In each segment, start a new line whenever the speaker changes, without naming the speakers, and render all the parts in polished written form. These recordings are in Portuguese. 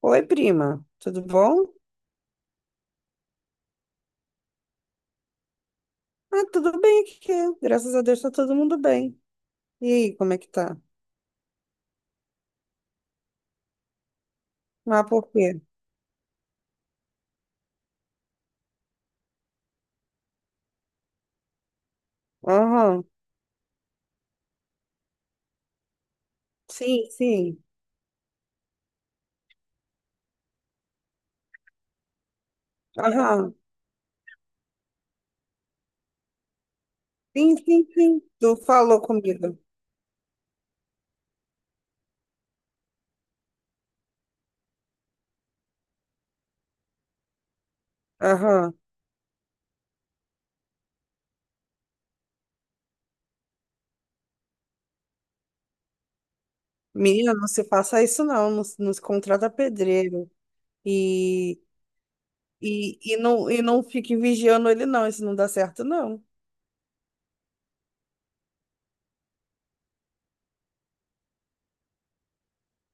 Oi, prima, tudo bom? Ah, tudo bem aqui. Graças a Deus tá todo mundo bem. E aí, como é que tá? Ah, por quê? Aham. Sim, sim. Aham. Sim, sim, sim. Tu falou comigo. Aham. Menina, não se faça isso não, não se contrata pedreiro. E, não, e não fique vigiando ele não, isso não dá certo não.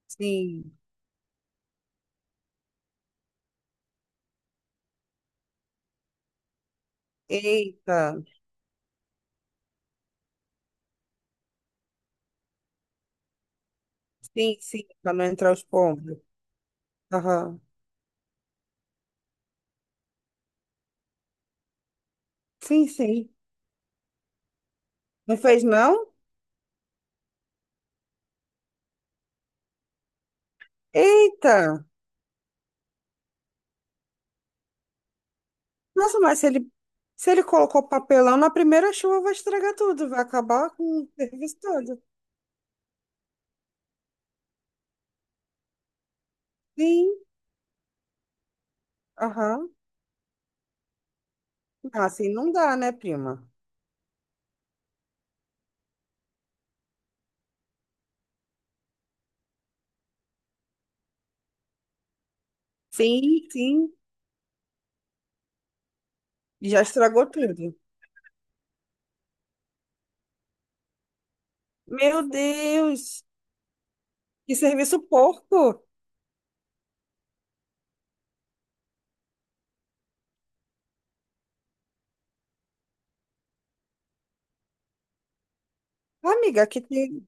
Sim. Eita. Sim, sim, para não entrar os pombos. Aham. Sim, sim. Não fez não? Eita! Nossa, se ele colocou papelão, na primeira chuva vai estragar tudo, vai acabar com o serviço todo. Sim, aham. Ah, assim não dá, né, prima? Sim, sim. Já estragou tudo. Meu Deus, que serviço porco! Amiga, aqui tem.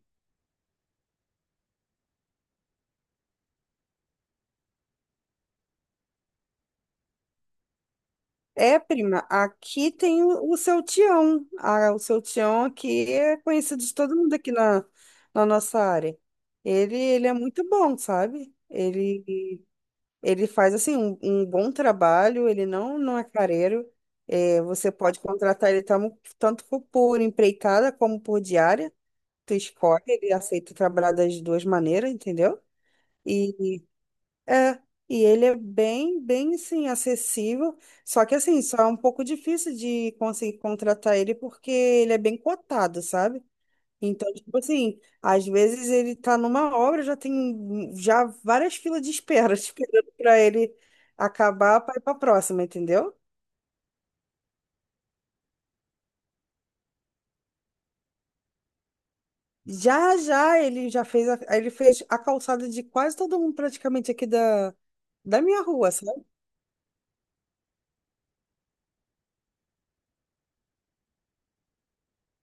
É, prima, aqui tem o seu Tião. Ah, o seu Tião aqui é conhecido de todo mundo na nossa área. Ele é muito bom, sabe? Ele. Ele faz assim um bom trabalho, ele não, não é careiro. É, você pode contratar ele tanto por empreitada como por diária. Tu escolhe, ele aceita trabalhar das duas maneiras, entendeu? E é, e ele é bem, bem assim, acessível. Só que assim, só é um pouco difícil de conseguir contratar ele porque ele é bem cotado, sabe? Então, tipo assim, às vezes ele tá numa obra, já tem já várias filas de espera, esperando para ele acabar para ir para próxima, entendeu? Já ele já fez a, ele fez a calçada de quase todo mundo praticamente da minha rua, sabe?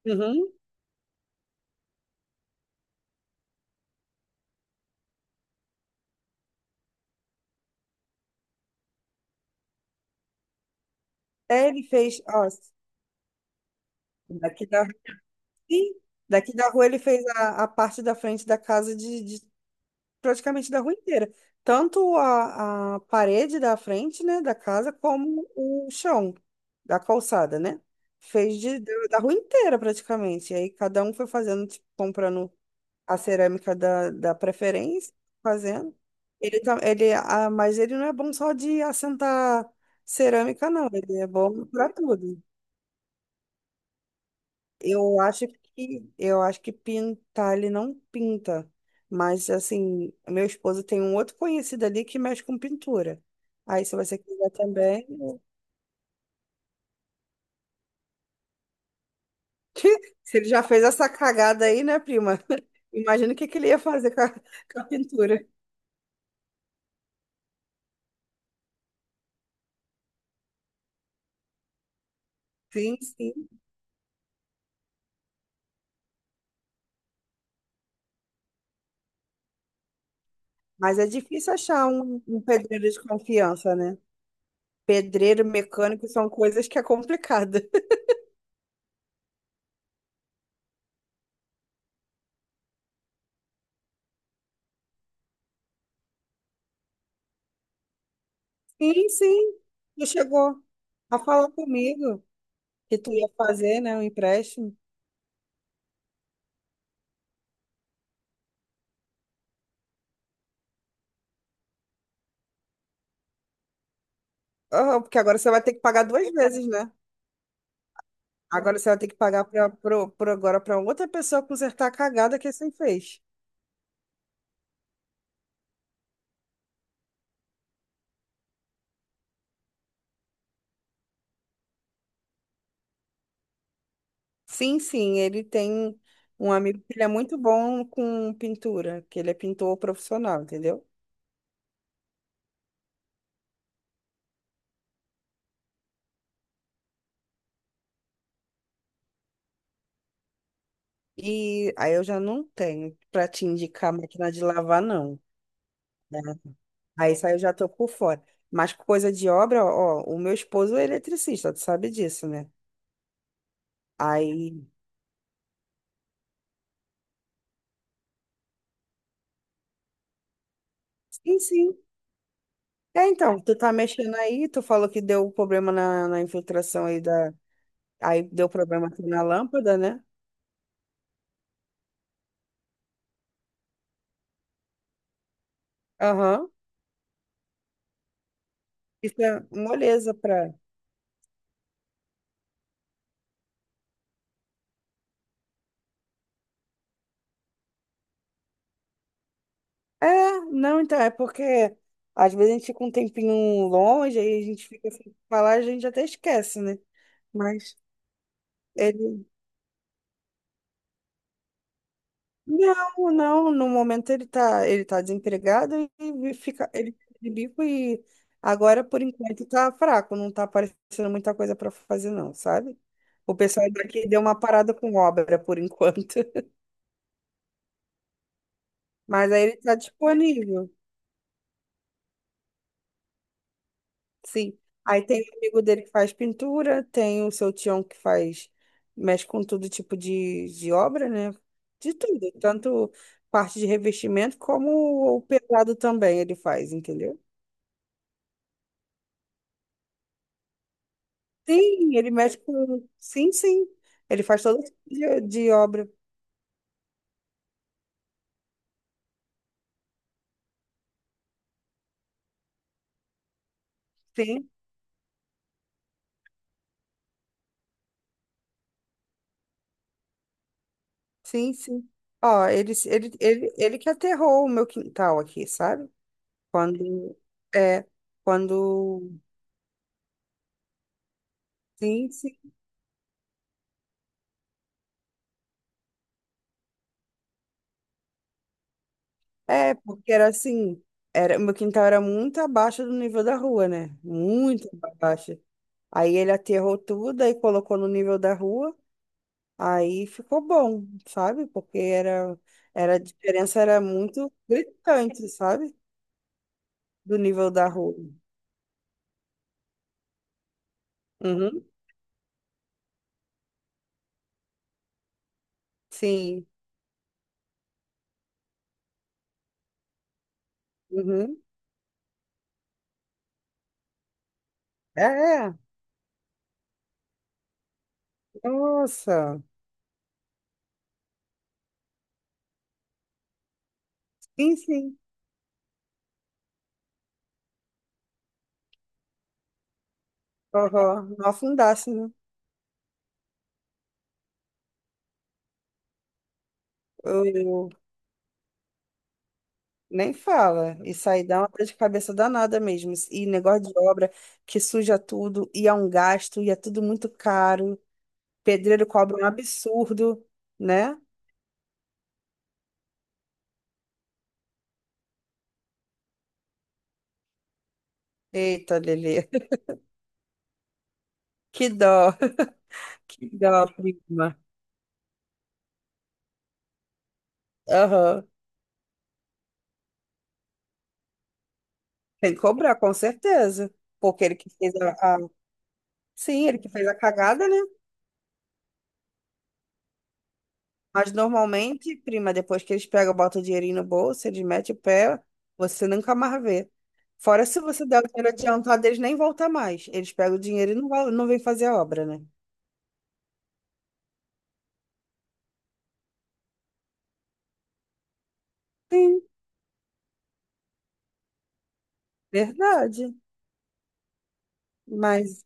Uhum. É, ele fez, ó, daqui da, sim, daqui da rua ele fez a parte da frente da casa de praticamente da rua inteira. Tanto a parede da frente, né, da casa, como o chão da calçada, né? Fez da da rua inteira, praticamente. E aí cada um foi fazendo, tipo, comprando a cerâmica da preferência, fazendo. Ele, tam- ele, ah, mas ele não é bom só de assentar cerâmica, não. Ele é bom para tudo. Eu acho que pintar ele não pinta, mas assim, meu esposo tem um outro conhecido ali que mexe com pintura. Aí se você quiser também, eu- se ele já fez essa cagada aí, né, prima? Imagina o que que ele ia fazer com a, com a pintura. Sim, sim. Mas é difícil achar um pedreiro de confiança, né? Pedreiro, mecânico são coisas que é complicada. Sim, sim. Tu chegou a falar comigo que tu ia fazer, né, um empréstimo. Aham, porque agora você vai ter que pagar duas vezes, né? Agora você vai ter que pagar agora para outra pessoa consertar a cagada que você fez. Sim, sim, ele tem um amigo que ele é muito bom com pintura, que ele é pintor profissional, entendeu? E aí eu já não tenho pra te indicar máquina de lavar, não. Né? Aí isso aí eu já tô por fora. Mas coisa de obra, ó, o meu esposo é eletricista, tu sabe disso, né? Aí, sim, sim. É, então, tu tá mexendo aí, tu falou que deu problema na infiltração aí da. Aí deu problema aqui na lâmpada, né? Aham. Isso é moleza pra. É, não, então, é porque às vezes a gente fica um tempinho longe, aí a gente fica sem falar, a gente até esquece, né? Mas ele. Não, não, no momento ele tá desempregado e fica, ele fica de bico e agora por enquanto tá fraco, não tá aparecendo muita coisa para fazer não, sabe? O pessoal daqui deu uma parada com obra por enquanto, mas aí ele tá disponível, sim. Aí tem o amigo dele que faz pintura, tem o seu tião que faz, mexe com todo tipo de obra, né? De tudo, tanto parte de revestimento como o pesado também ele faz, entendeu? Sim, ele mexe com. Sim, sim. Ele faz todo tipo de obra. Sim, sim, sim. Ó, ele que aterrou o meu quintal aqui, sabe? Quando. É, quando. Sim, sim. É, porque era assim. Era, o meu quintal era muito abaixo do nível da rua, né? Muito abaixo. Aí ele aterrou tudo, aí colocou no nível da rua. Aí ficou bom, sabe? A diferença era muito gritante, sabe? Do nível da rua. Uhum. Sim. Uhum. É, é. Nossa. Sim, sim. Uhum. Não afundasse, né? Eu, eu- nem fala. Isso aí dá uma dor de cabeça danada mesmo. E negócio de obra que suja tudo, e é um gasto, e é tudo muito caro. Pedreiro cobra um absurdo, né? Eita, Lelê. Que dó, que dó, prima. Aham. Tem que cobrar, com certeza. Porque ele que fez a- Sim, ele que fez a cagada, né? Mas normalmente, prima, depois que eles pegam, botam o dinheirinho no bolso, eles metem o pé, você nunca mais vê. Fora se você der o dinheiro adiantado, eles nem voltam mais. Eles pegam o dinheiro e não, não vêm fazer a obra, né? Sim, verdade. Mas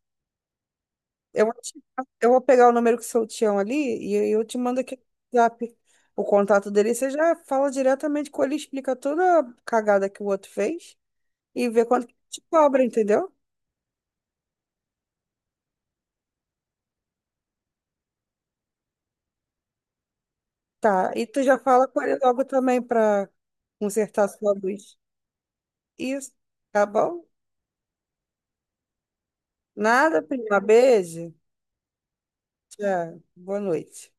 eu, vou te- eu vou pegar o número que seu tião ali e eu te mando aqui no WhatsApp o contato dele. Você já fala diretamente com ele, explica toda a cagada que o outro fez e vê quanto que te cobra, entendeu? Tá, e tu já fala com ele logo também para consertar sua luz. Isso, tá bom? Nada, prima. Beijo. Tchau. Boa noite.